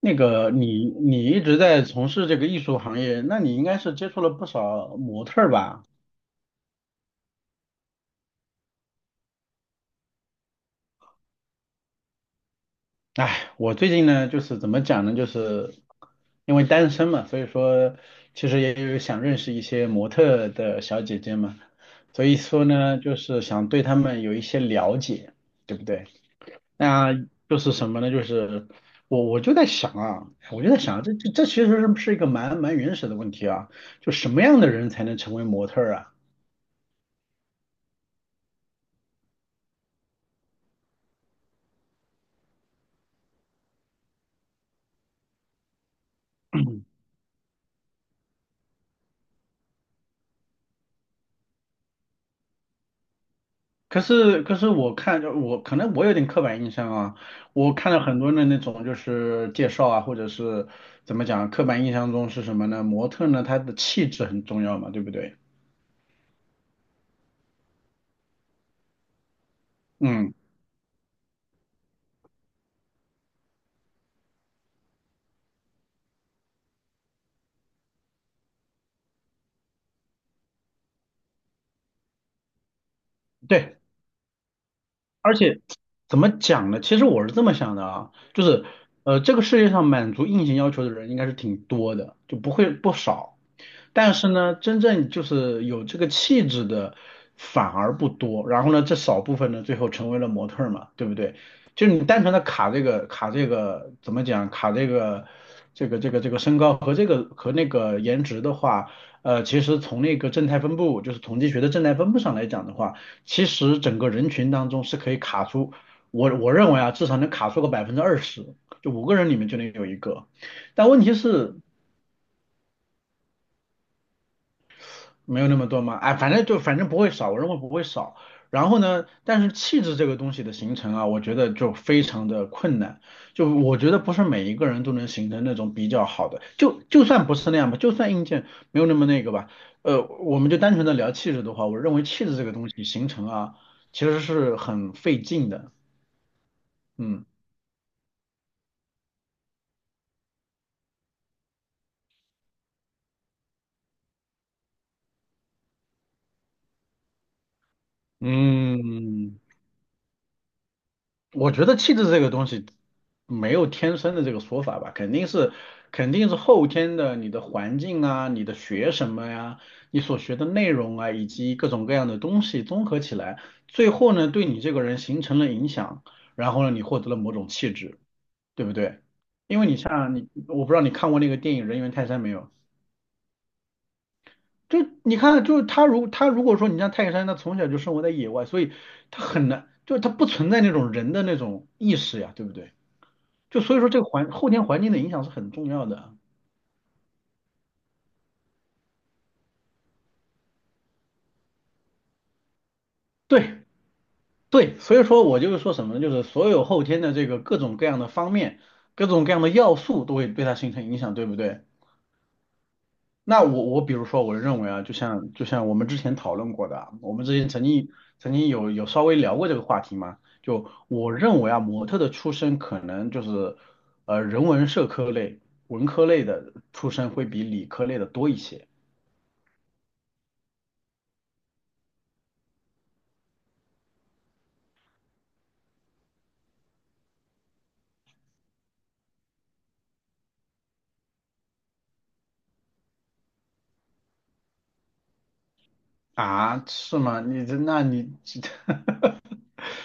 那个你一直在从事这个艺术行业，那你应该是接触了不少模特儿吧？哎，我最近呢，就是怎么讲呢，就是因为单身嘛，所以说其实也有想认识一些模特的小姐姐嘛，所以说呢，就是想对她们有一些了解，对不对？那就是什么呢？就是我就在想啊，我就在想啊，这其实是一个蛮原始的问题啊，就什么样的人才能成为模特儿啊？可是，可是我看就我可能我有点刻板印象啊，我看了很多的那种就是介绍啊，或者是怎么讲，刻板印象中是什么呢？模特呢，她的气质很重要嘛，对不对？嗯，对，而且怎么讲呢？其实我是这么想的啊，就是这个世界上满足硬性要求的人应该是挺多的，就不会不少。但是呢，真正就是有这个气质的反而不多。然后呢，这少部分呢，最后成为了模特儿嘛，对不对？就你单纯的卡这个卡这个怎么讲？卡这个这个身高和这个和那个颜值的话，其实从那个正态分布，就是统计学的正态分布上来讲的话，其实整个人群当中是可以卡出，我认为啊，至少能卡出个20%，就五个人里面就能有一个。但问题是，没有那么多嘛，哎，反正就反正不会少，我认为不会少。然后呢，但是气质这个东西的形成啊，我觉得就非常的困难。就我觉得不是每一个人都能形成那种比较好的，就就算不是那样吧，就算硬件没有那么那个吧，我们就单纯的聊气质的话，我认为气质这个东西形成啊，其实是很费劲的。嗯嗯，我觉得气质这个东西没有天生的这个说法吧，肯定是后天的，你的环境啊，你的学什么呀，你所学的内容啊，以及各种各样的东西综合起来，最后呢，对你这个人形成了影响，然后呢，你获得了某种气质，对不对？因为你像你，我不知道你看过那个电影《人猿泰山》没有？就你看，就是他如果说你像泰山，他从小就生活在野外，所以他很难，就他不存在那种人的那种意识呀，对不对？就所以说这个环后天环境的影响是很重要的。对对，所以说我就是说什么呢？就是所有后天的这个各种各样的方面、各种各样的要素都会对它形成影响，对不对？那我比如说，我认为啊，就像我们之前讨论过的啊，我们之前曾经有稍微聊过这个话题嘛。就我认为啊，模特的出身可能就是呃人文社科类、文科类的出身会比理科类的多一些。啊？是吗？你这那你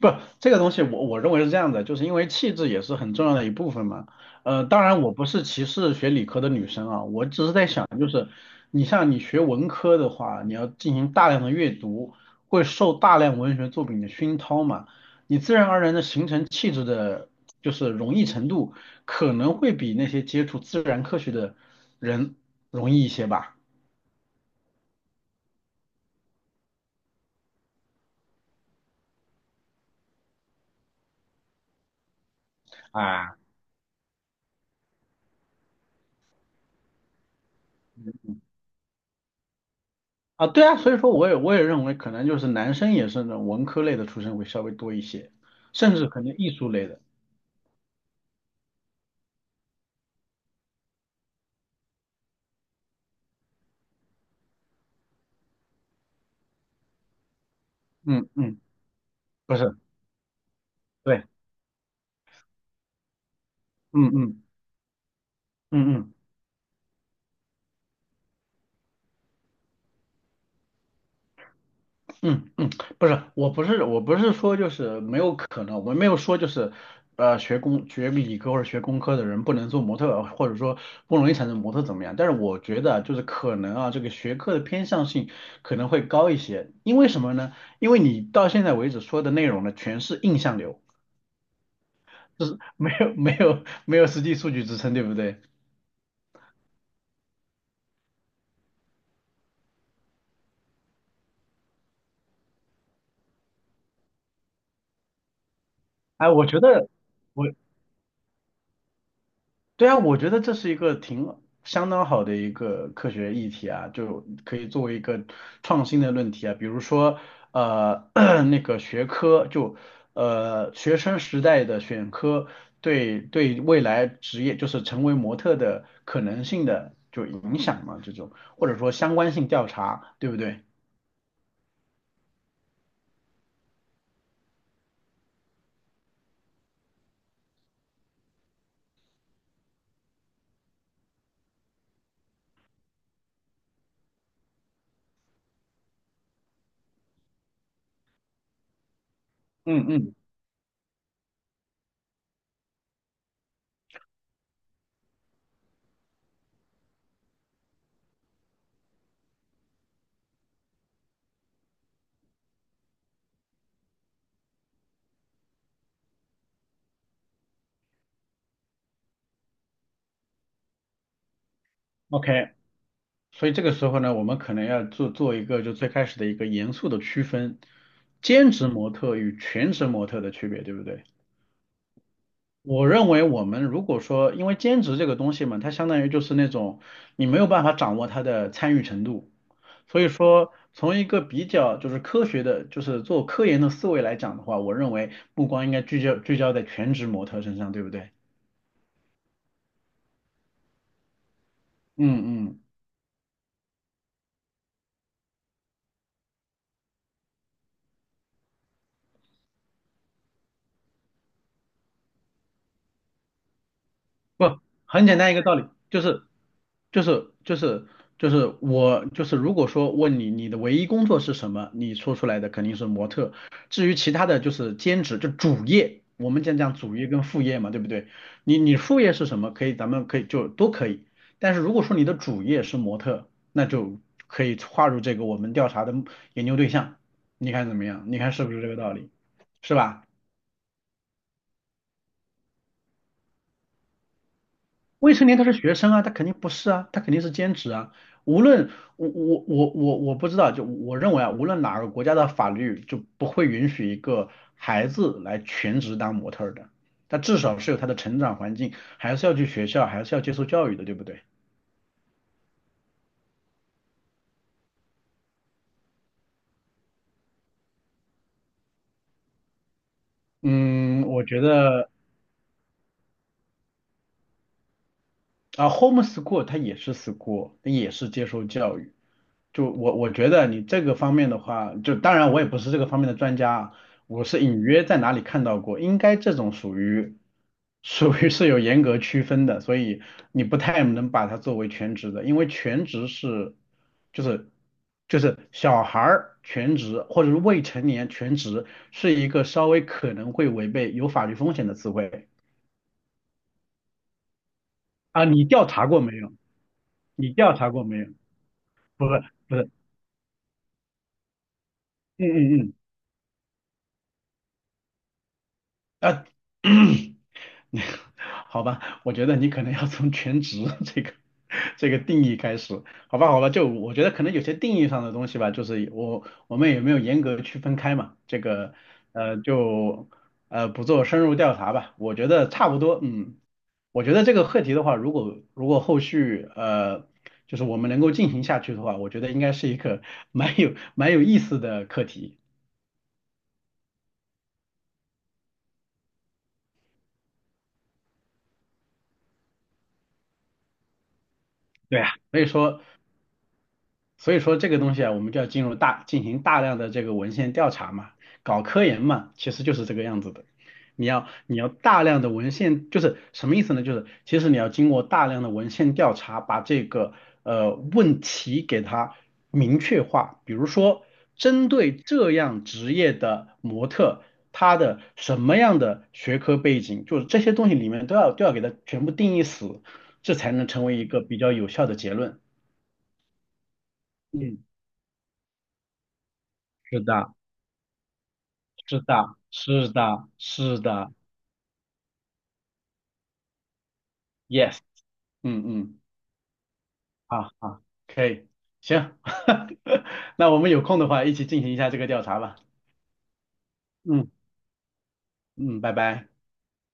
不，这个东西我认为是这样的，就是因为气质也是很重要的一部分嘛。当然我不是歧视学理科的女生啊，我只是在想，就是你像你学文科的话，你要进行大量的阅读，会受大量文学作品的熏陶嘛，你自然而然的形成气质的，就是容易程度可能会比那些接触自然科学的人容易一些吧。啊。啊，对啊，所以说我也认为可能就是男生也是那种文科类的出身会稍微多一些，甚至可能艺术类的，嗯嗯，不是，对，嗯嗯。嗯嗯嗯嗯，不是，我不是说就是没有可能，我没有说就是，呃，学工学理科或者学工科的人不能做模特，或者说不容易产生模特怎么样？但是我觉得啊就是可能啊，这个学科的偏向性可能会高一些，因为什么呢？因为你到现在为止说的内容呢，全是印象流。就是没有实际数据支撑，对不对？哎，我觉得我对啊，我觉得这是一个挺相当好的一个科学议题啊，就可以作为一个创新的论题啊，比如说呃 那个学科就呃学生时代的选科对未来职业就是成为模特的可能性的就影响嘛，这种或者说相关性调查，对不对？嗯嗯，OK。所以这个时候呢，我们可能要做一个就最开始的一个严肃的区分，兼职模特与全职模特的区别，对不对？我认为我们如果说，因为兼职这个东西嘛，它相当于就是那种你没有办法掌握它的参与程度，所以说从一个比较就是科学的，就是做科研的思维来讲的话，我认为目光应该聚焦在全职模特身上，对不对？嗯嗯不，很简单一个道理，就是就是就是我就是如果说问你你的唯一工作是什么，你说出来的肯定是模特。至于其他的就是兼职，就主业，我们讲讲主业跟副业嘛，对不对？你你副业是什么？可以，咱们可以就都可以。但是如果说你的主业是模特，那就可以划入这个我们调查的研究对象。你看怎么样？你看是不是这个道理？是吧？未成年他是学生啊，他肯定不是啊，他肯定是兼职啊。无论我不知道，就我认为啊，无论哪个国家的法律就不会允许一个孩子来全职当模特儿的，他至少是有他的成长环境，还是要去学校，还是要接受教育的，对不对？嗯，我觉得。啊，homeschool 它也是 school，它也是接受教育。就我觉得你这个方面的话，就当然我也不是这个方面的专家啊，我是隐约在哪里看到过，应该这种属于是有严格区分的，所以你不太能把它作为全职的，因为全职是就是就是小孩儿全职或者是未成年全职是一个稍微可能会违背有法律风险的词汇。啊，你调查过没有？你调查过没有？不是不是，嗯嗯嗯，啊，好吧，我觉得你可能要从全职 这个这个定义开始，好吧好吧，就我觉得可能有些定义上的东西吧，就是我们也没有严格区分开嘛，这个呃就呃不做深入调查吧，我觉得差不多，嗯，我觉得这个课题的话，如果后续呃就是我们能够进行下去的话，我觉得应该是一个 蛮有意思的课题。对啊，所以说这个东西啊，我们就要进行大量的这个文献调查嘛，搞科研嘛，其实就是这个样子的。你要大量的文献，就是什么意思呢？就是其实你要经过大量的文献调查，把这个呃问题给它明确化。比如说，针对这样职业的模特，他的什么样的学科背景，就是这些东西里面都要给它全部定义死，这才能成为一个比较有效的结论。嗯，是的。是的，yes，嗯嗯，好好，可以，行，那我们有空的话一起进行一下这个调查吧。嗯嗯，拜拜。